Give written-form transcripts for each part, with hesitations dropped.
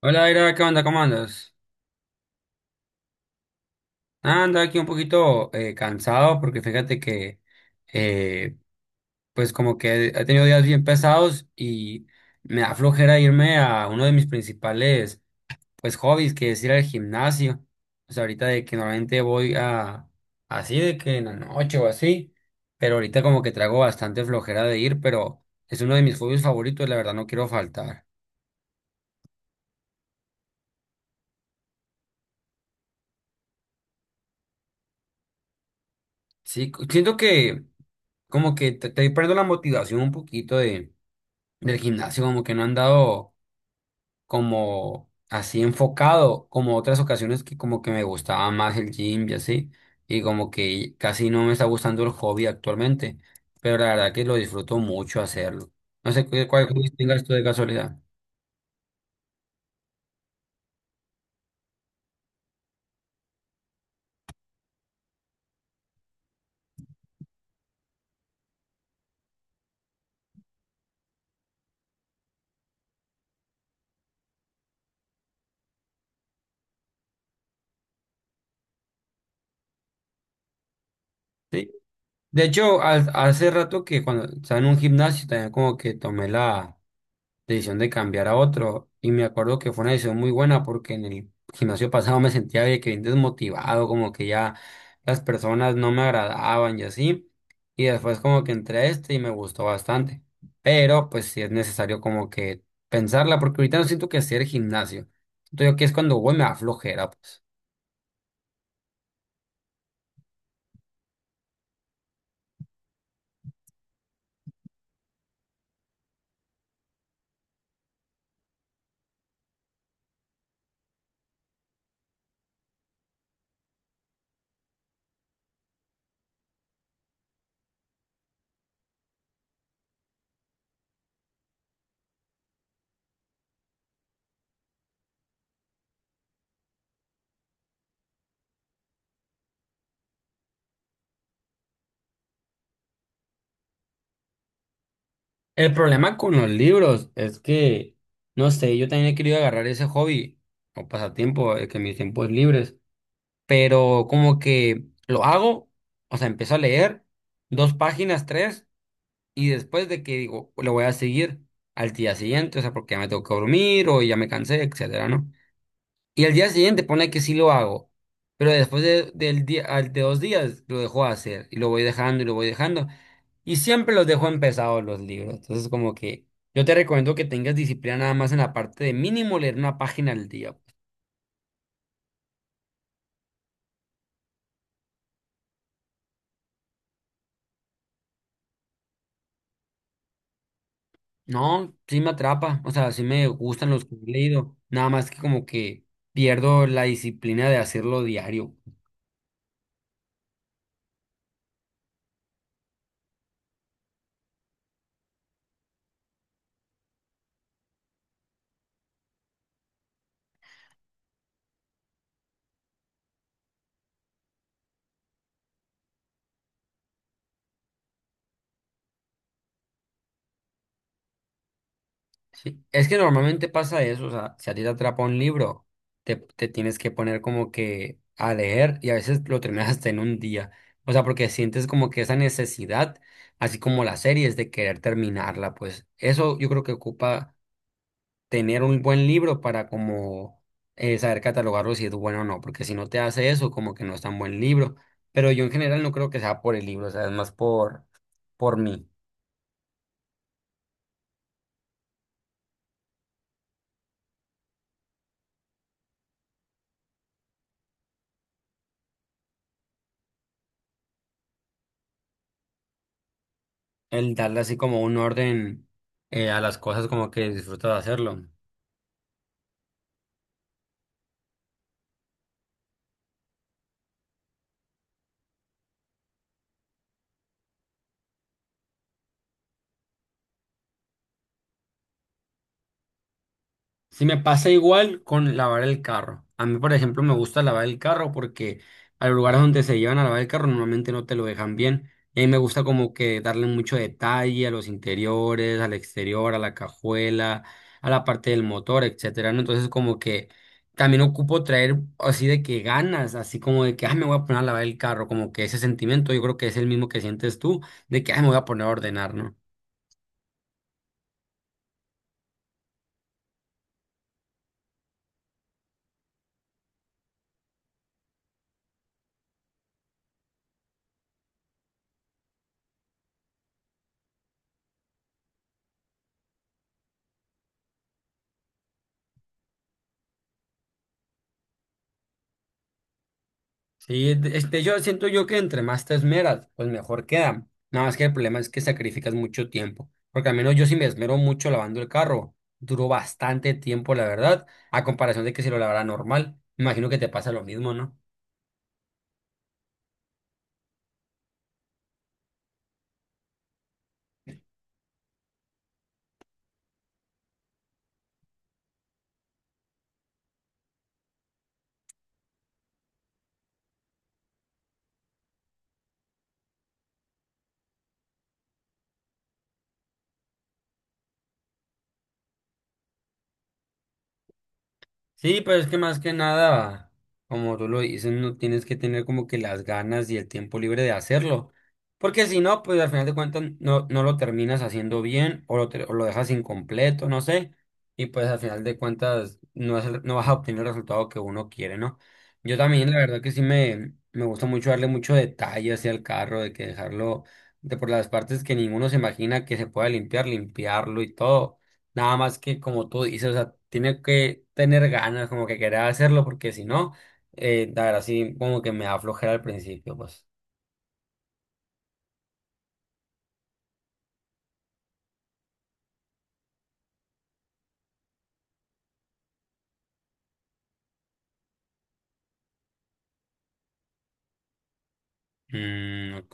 Hola, Aira, ¿qué onda? ¿Cómo andas? Anda aquí un poquito cansado porque fíjate que, eh, pues como que he tenido días bien pesados y me da flojera irme a uno de mis principales, pues, hobbies, que es ir al gimnasio. O sea, ahorita de que normalmente voy a, así de que en la noche o así, pero ahorita como que traigo bastante flojera de ir, pero es uno de mis hobbies favoritos, la verdad no quiero faltar. Sí, siento que como que te perdiendo la motivación un poquito de del gimnasio, como que no han dado como así enfocado, como otras ocasiones que como que me gustaba más el gym y así, y como que casi no me está gustando el hobby actualmente, pero la verdad que lo disfruto mucho hacerlo. No sé cuál hobby tengas tú de casualidad. Sí. De hecho, hace rato que cuando estaba en un gimnasio también como que tomé la decisión de cambiar a otro. Y me acuerdo que fue una decisión muy buena porque en el gimnasio pasado me sentía de que bien desmotivado, como que ya las personas no me agradaban y así. Y después como que entré a este y me gustó bastante. Pero pues sí es necesario como que pensarla porque ahorita no siento que sea el gimnasio. Siento yo que es cuando voy me da flojera, pues. El problema con los libros es que, no sé, yo también he querido agarrar ese hobby o pasatiempo, el que mis tiempos libres, pero como que lo hago, o sea, empiezo a leer dos páginas, tres, y después de que digo, lo voy a seguir al día siguiente, o sea, porque ya me tengo que dormir o ya me cansé, etcétera, ¿no? Y al día siguiente pone que sí lo hago, pero después del día, de dos días lo dejo de hacer y lo voy dejando y lo voy dejando. Y siempre los dejo empezados los libros, entonces como que yo te recomiendo que tengas disciplina nada más en la parte de mínimo leer una página al día. No, sí me atrapa, o sea, sí me gustan los que he leído, nada más que como que pierdo la disciplina de hacerlo diario. Sí. Es que normalmente pasa eso, o sea, si a ti te atrapa un libro, te tienes que poner como que a leer y a veces lo terminas hasta en un día, o sea, porque sientes como que esa necesidad, así como las series, de querer terminarla, pues eso yo creo que ocupa tener un buen libro para como saber catalogarlo si es bueno o no, porque si no te hace eso, como que no es tan buen libro. Pero yo en general no creo que sea por el libro, o sea, es más por mí, el darle así como un orden a las cosas como que disfruto de hacerlo. Si me pasa igual con lavar el carro. A mí, por ejemplo, me gusta lavar el carro porque a los lugares donde se llevan a lavar el carro normalmente no te lo dejan bien. Y a mí me gusta como que darle mucho detalle a los interiores, al exterior, a la cajuela, a la parte del motor, etcétera, ¿no? Entonces como que también ocupo traer así de que ganas, así como de que, ah, me voy a poner a lavar el carro, como que ese sentimiento yo creo que es el mismo que sientes tú, de que, ah, me voy a poner a ordenar, ¿no? Sí, este, yo siento yo que entre más te esmeras, pues mejor queda. Nada más que el problema es que sacrificas mucho tiempo. Porque al menos yo sí me esmero mucho lavando el carro. Duró bastante tiempo, la verdad, a comparación de que si lo lavara normal. Me imagino que te pasa lo mismo, ¿no? Sí, pero es que más que nada, como tú lo dices, no tienes que tener como que las ganas y el tiempo libre de hacerlo. Porque si no, pues al final de cuentas no, no lo terminas haciendo bien o o lo dejas incompleto, no sé. Y pues al final de cuentas no, es no vas a obtener el resultado que uno quiere, ¿no? Yo también, la verdad que sí me gusta mucho darle mucho detalle hacia el carro, de que dejarlo de por las partes que ninguno se imagina que se pueda limpiar, limpiarlo y todo. Nada más que como tú dices, o sea, tiene que tener ganas, como que querer hacerlo, porque si no, la verdad sí, como que me da flojera al principio, pues. Mm, ok.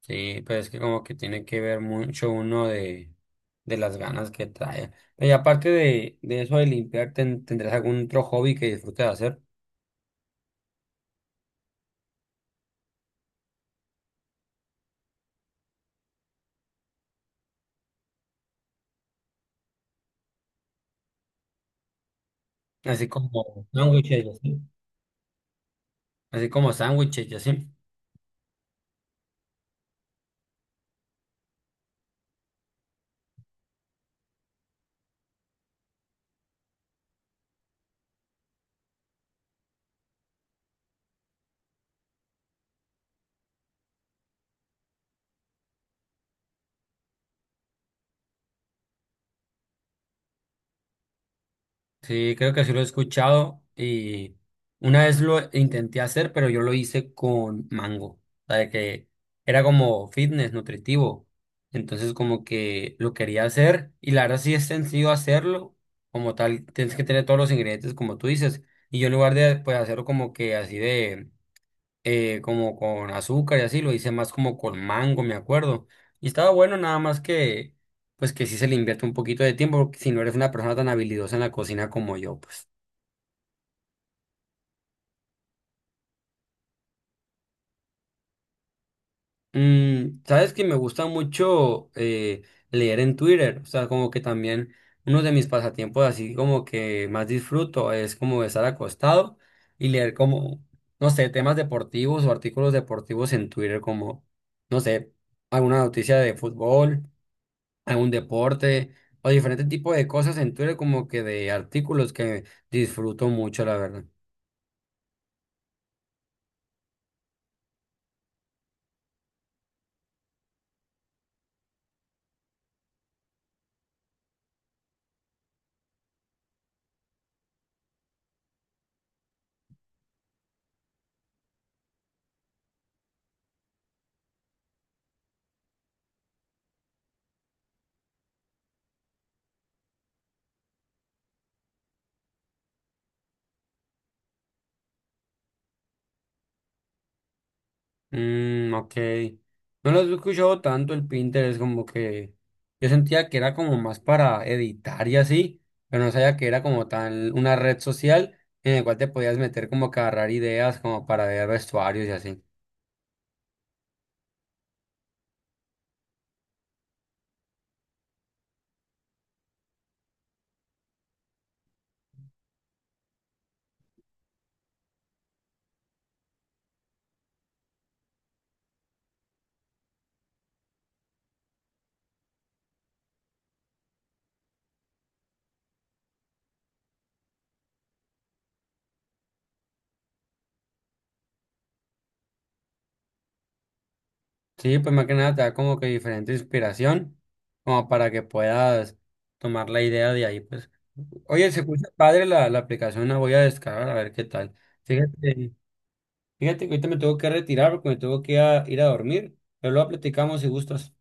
Sí, pero es que como que tiene que ver mucho uno de las ganas que trae. Y aparte de eso de limpiar, ¿tendrás algún otro hobby que disfrutes de hacer? Así como sándwiches y así. Así como sándwiches y así. Sí, creo que sí lo he escuchado y una vez lo intenté hacer, pero yo lo hice con mango, o sea, de que era como fitness nutritivo, entonces como que lo quería hacer y la verdad sí es sencillo hacerlo, como tal, tienes que tener todos los ingredientes como tú dices, y yo en lugar de pues hacerlo como que así de como con azúcar y así, lo hice más como con mango, me acuerdo. Y estaba bueno, nada más que, pues que sí se le invierte un poquito de tiempo, porque si no eres una persona tan habilidosa en la cocina como yo, pues. Mm, sabes que me gusta mucho leer en Twitter, o sea, como que también uno de mis pasatiempos así como que más disfruto es como estar acostado y leer como, no sé, temas deportivos o artículos deportivos en Twitter como, no sé, alguna noticia de fútbol algún deporte o diferentes tipos de cosas en Twitter, como que de artículos que disfruto mucho, la verdad. Mm, ok. No los he escuchado tanto el Pinterest, como que yo sentía que era como más para editar y así, pero no sabía que era como tal una red social en la cual te podías meter como que a agarrar ideas como para ver vestuarios y así. Sí, pues más que nada te da como que diferente inspiración, como para que puedas tomar la idea de ahí, pues. Oye, se escucha padre la aplicación, la voy a descargar a ver qué tal. Fíjate, fíjate que ahorita me tengo que retirar porque me tengo que ir ir a dormir, pero luego platicamos si gustas.